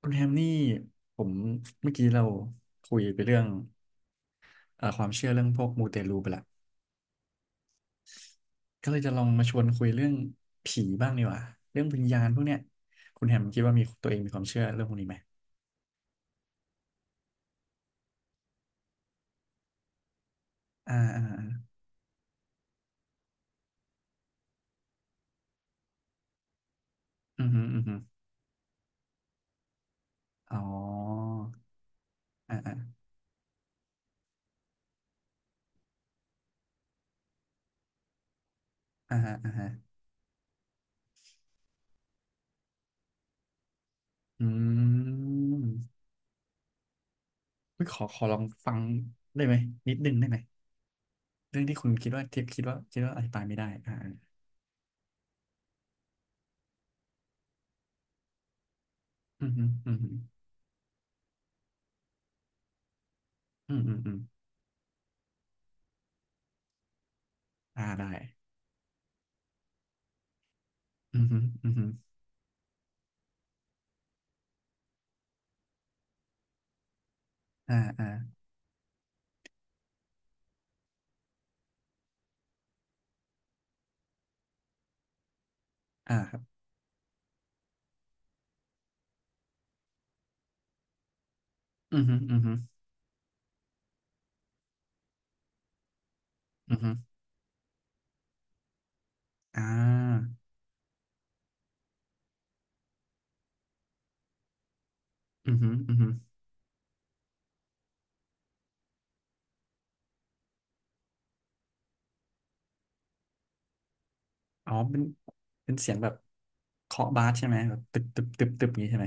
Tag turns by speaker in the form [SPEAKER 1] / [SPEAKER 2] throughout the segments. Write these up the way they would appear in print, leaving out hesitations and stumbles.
[SPEAKER 1] คุณแฮมนี่ผมเมื่อกี้เราคุยไปเรื่องความเชื่อเรื่องพวกมูเตลูไปละก็เลยจะลองมาชวนคุยเรื่องผีบ้างดีกว่าเรื่องวิญญาณพวกเนี้ยคุณแฮมคิดว่ามีตัวเองมีความเชื่อเรื่องพวกนี้ไหมอ่าอ่าอ่าอือฮึอือฮึอ๋ออ่าอ่าอ่าฮะอ่าฮะอืมเฮ้ยขอลองฟังได้ไหมนิดนึงได้ไหมเรื่องที่คุณคิดว่าทิปคิดว่าอธิบายไม่ได้อ่าอาอือฮึอือฮึอืมอืมอืมอ่าได้อือฮึอือฮึอ่าอ่าอ่าครับ อือฮึอือฮึอือฮึอ่าอือฮึอือฮึอ๋อเป็นเสียงแบบเคาะบาสใช่ไหมแบบตึบตึบตึบตึบอย่างนี้ใช่ไหม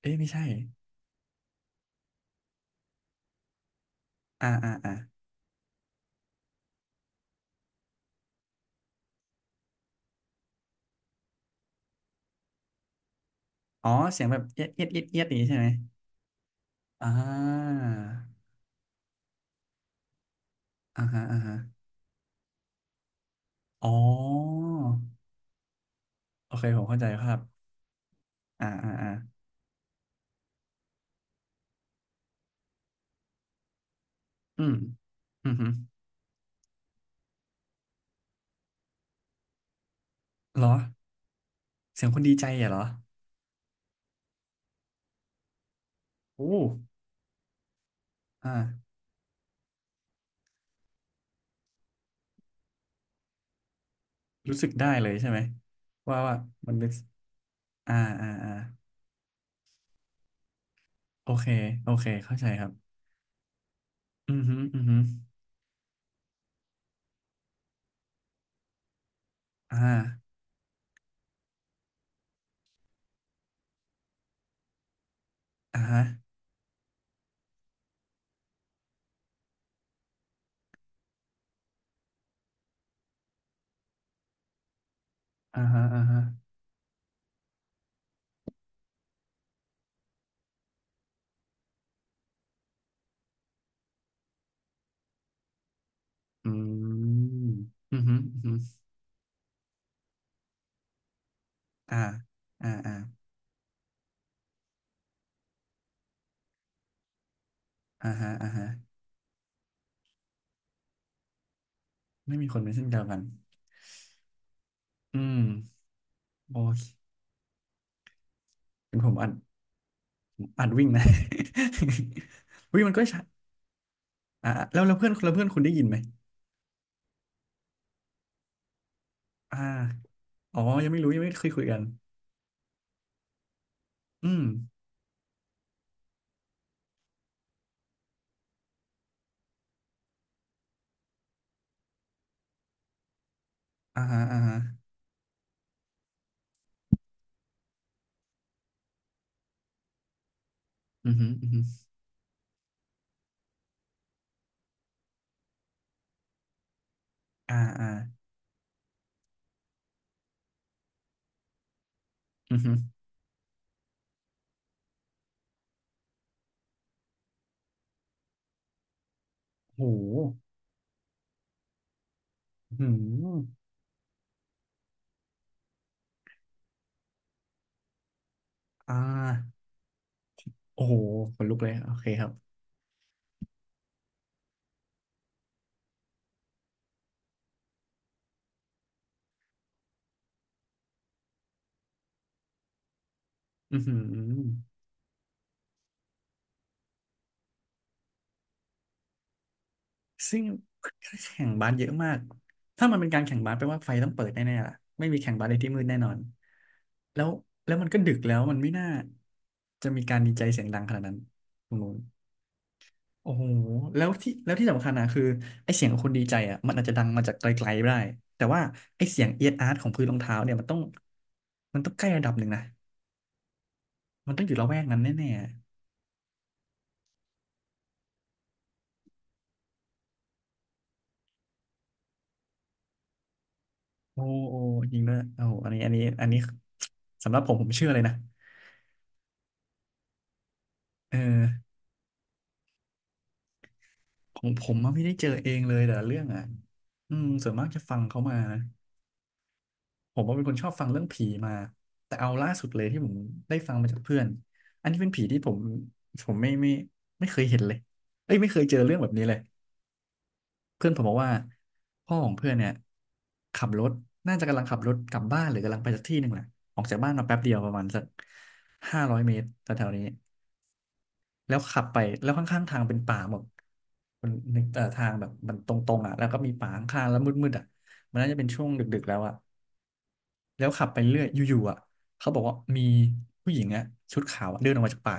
[SPEAKER 1] เอ้ยไม่ใช่อ่าอ่าอ่าอ๋อเสียงแบบเอียดเอียดเอียดเอียดอย่างนี้ใช่ไหมอ่าอ่าฮะอ่าฮะอ๋อโอเคผมเข้าใจครับอ่าอ่าอ่าอืมอือฮึเหรอ เสียงคนดีใจอะเหรอโอ้อ่ารู้สึกได้เลยใช่ไหมว่าว่ามันเป็นอ่าอ่าอ่าโอเคโอเคเข้าใจครับ อือฮึอือฮึอ่าอ่าฮะอ่าฮะอ่าฮะอืม อือฮึอือฮึอ่าอ่าอ่าอ่าฮะอ่าฮะไม่มีคนเป็นเส้นเดียวกัน อืมโอเคเป็นผมอ่านอ่านวิ่งนะ วิ่งมันก็ใช่อ่าแล้วแล้วเพื่อนคุณได้ยินไหมอ่าอ๋อยังไม่รู้ยังไม่เคยคุยกันอืมอ่าฮะอ่าฮะอือฮึอือฮึอ่าอ่าอือฮึโหอือหืออ่าโอ้โหขนลุกเลย โอเคครับ อือหือ ซึ่งแข่งบาสเยอะมาก ถ้ามันเป็นการแข่งบาสแปลว่าไฟต้องเปิดแน่ๆล่ะไม่มีแข่งบาสในที่มืดแน่นอนแล้วแล้วมันก็ดึกแล้วมันไม่น่าจะมีการดีใจเสียงดังขนาดนั้นตรงนู้นโอ้โหแล้วที่สำคัญนะคือไอเสียงของคนดีใจอ่ะมันอาจจะดังมาจากไกลๆก็ได้แต่ว่าไอเสียงเอียดอาร์ตของพื้นรองเท้าเนี่ยมันต้องใกล้ระดับหนึ่งนะมันต้องอยู่ละแวกนั้นแน่ๆโอ้โอ้จริงด้วยโอ้โหอันนี้อันนี้สำหรับผมผมเชื่อเลยนะเออ ของผมอะไม่ได้เจอเองเลยแต่ละเรื่องอ่ะ อืมส่วนมากจะฟังเขามานะผมว่าเป็นคนชอบฟังเรื่องผีมาแต่เอาล่าสุดเลยที่ผมได้ฟังมาจากเพื่อนอันนี้เป็นผีที่ผมผมไม่เคยเห็นเลยเอ้ยไม่เคยเจอเรื่องแบบนี้เลยเพื่อนผมบอกว่าพ่อของเพื่อนเนี่ยขับรถน่าจะกำลังขับรถกลับบ้านหรือกำลังไปสักที่หนึ่งแหละออกจากบ้านมาแป๊บเดียวประมาณสัก500 เมตรแถวๆนี้ แล้วขับไปแล้วข้างๆทางเป็นป่าหมดมันนึกทางแบบมันตรงๆอ่ะแล้วก็มีป่าข้างๆแล้วมืดๆอ่ะมันน่าจะเป็นช่วงดึกๆแล้วอ่ะแล้วขับไปเรื่อยอยู่ๆอ่ะเขาบอกว่ามีผู้หญิงอ่ะชุดขาวอะเดินออกมาจากป่า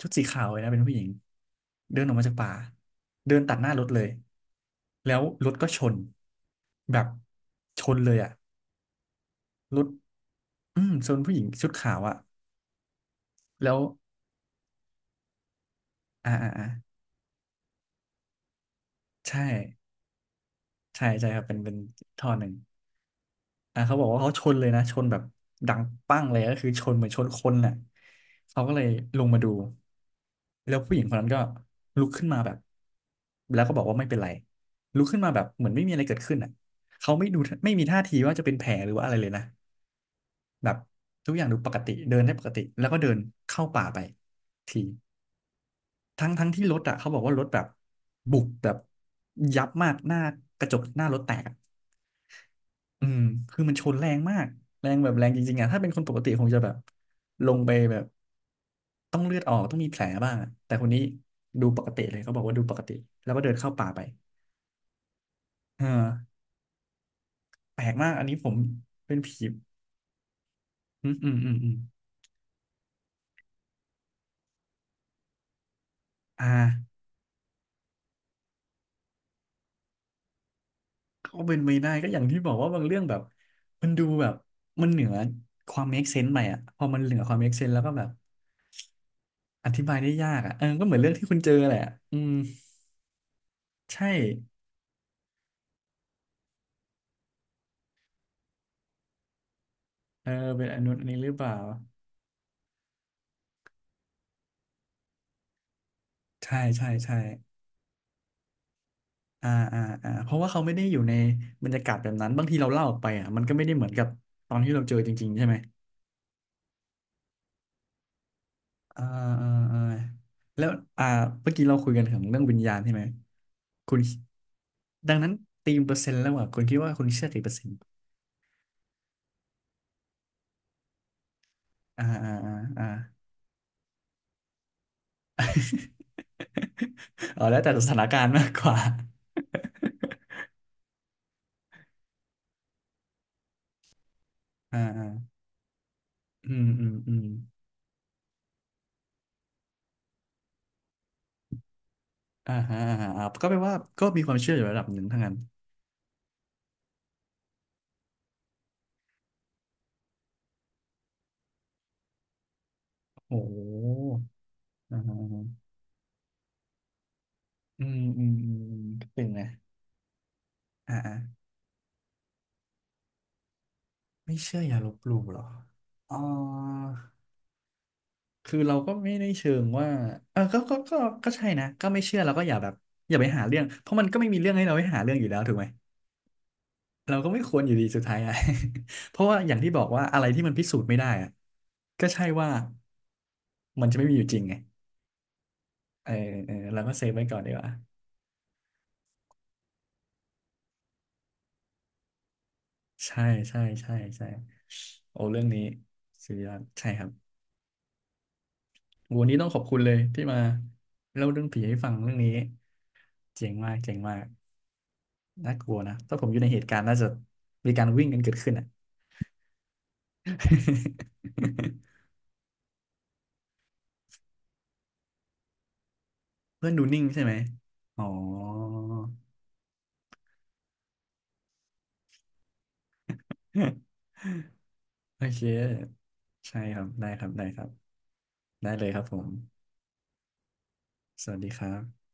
[SPEAKER 1] ชุดสีขาวเลยนะเป็นผู้หญิงเดินออกมาจากป่าเดินตัดหน้ารถเลยแล้วรถก็ชนแบบชนเลยอ่ะรถอืมชนผู้หญิงชุดขาวอ่ะแล้วอ่าอ่าอ่าใช่ใช่ครับเป็นเป็นท่อหนึ่ง อ่ะเขาบอกว่าเขาชนเลยนะชนแบบดังปั้งเลยก็คือชนเหมือนชนคนน่ะเขาก็เลยลงมาดูแล้วผู้หญิงคนนั้นก็ลุกขึ้นมาแบบแล้วก็บอกว่าไม่เป็นไรลุกขึ้นมาแบบเหมือนไม่มีอะไรเกิดขึ้นอ่ะเขาไม่ดูไม่มีท่าทีว่าจะเป็นแผลหรือว่าอะไรเลยนะแบบทุกอย่างดูปกติเดินได้ปกติแล้วก็เดินเข้าป่าไปทีทั้งที่รถอ่ะเขาบอกว่ารถแบบบุบแบบยับมากหน้ากระจกหน้ารถแตกอะ อืมคือมันชนแรงมากแรงแบบแรงจริงๆอะถ้าเป็นคนปกติคงจะแบบลงไปแบบต้องเลือดออกต้องมีแผลบ้างอะแต่คนนี้ดูปกติเลยเขาบอกว่าดูปกติแล้วก็เดินเข้าป่าไปเออแปลกมาก อันนี้ผมเป็นผีอืมอืมอืมอืมอ่าก็เป็นไปได้ก็อย่างที่บอกว่าบางเรื่องแบบมันดูแบบมันเหนือความ make sense ไปอ่ะพอมันเหนือความ make sense แล้วก็แบบอธิบายได้ยากอ่ะเออก็เหมือนเรื่องที่คุณเจอแหละอืมใช่เออเป็นอนนูนนี้หรือเปล่า ใช่ใช่ใช่อ่าอ่าอ่าเพราะว่าเขาไม่ได้อยู่ในบรรยากาศแบบนั้นบางทีเราเล่าออกไปอ่ะมันก็ไม่ได้เหมือนกับตอนที่เราเจอจริงๆใช่ไหมอ่าอ่าอ่าแล้วอ่าเมื่อกี้เราคุยกันถึงเรื่องวิญญาณใช่ไหมคุณดังนั้นตีมเปอร์เซ็นต์แล้วอ่ะคุณคิดว่าคุณเชื่อกี่เปอร์เซ็นต์อ่าอ่าอ่าอ่า อ๋อแล้วแต่สถานการณ์มากกว่า อ่าอ่าอืมอืมอืมอ่าฮะอ่าฮะอ่าก็แปลว่าก็มีความเชื่ออยู่ระดับหนึ่งทั้งนั้นโอ้โหอ่าฮะ อืมอืมอืมอืมตึงนะอ่าอ่าไม่เชื่ออย่าลบหลู่เหรออ๋อคือเราก็ไม่ได้เชิงว่าเออก็ก็ใช่นะก็ไม่เชื่อเราก็อย่าแบบอย่าไปหาเรื่องเพราะมันก็ไม่มีเรื่องให้เราไปหาเรื่องอยู่แล้วถูกไหมเราก็ไม่ควรอยู่ดีสุดท้ายอะ เพราะว่าอย่างที่บอกว่าอะไรที่มันพิสูจน์ไม่ได้อะก็ใช่ว่ามันจะไม่มีอยู่จริงไงเออเออเราก็เซฟไว้ก่อนดีกว่าใช่ใช่ใช่โอ้เรื่องนี้สุดยอดใช่ครับ โหวันนี้ต้องขอบคุณเลยที่มาเล่าเรื่องผีให้ฟังเรื่องนี้เจ๋งมากเจ๋งมากน่ากลัวนะถ้าผมอยู่ในเหตุการณ์น่าจะมีการวิ่งกันเกิดขึ้นอ่ะ เพื่อนดูนิ่งใช่ไหมอ๋อ โอเคใช่ครับได้ครับได้ครับได้เลยครับผมสวัสดีครับ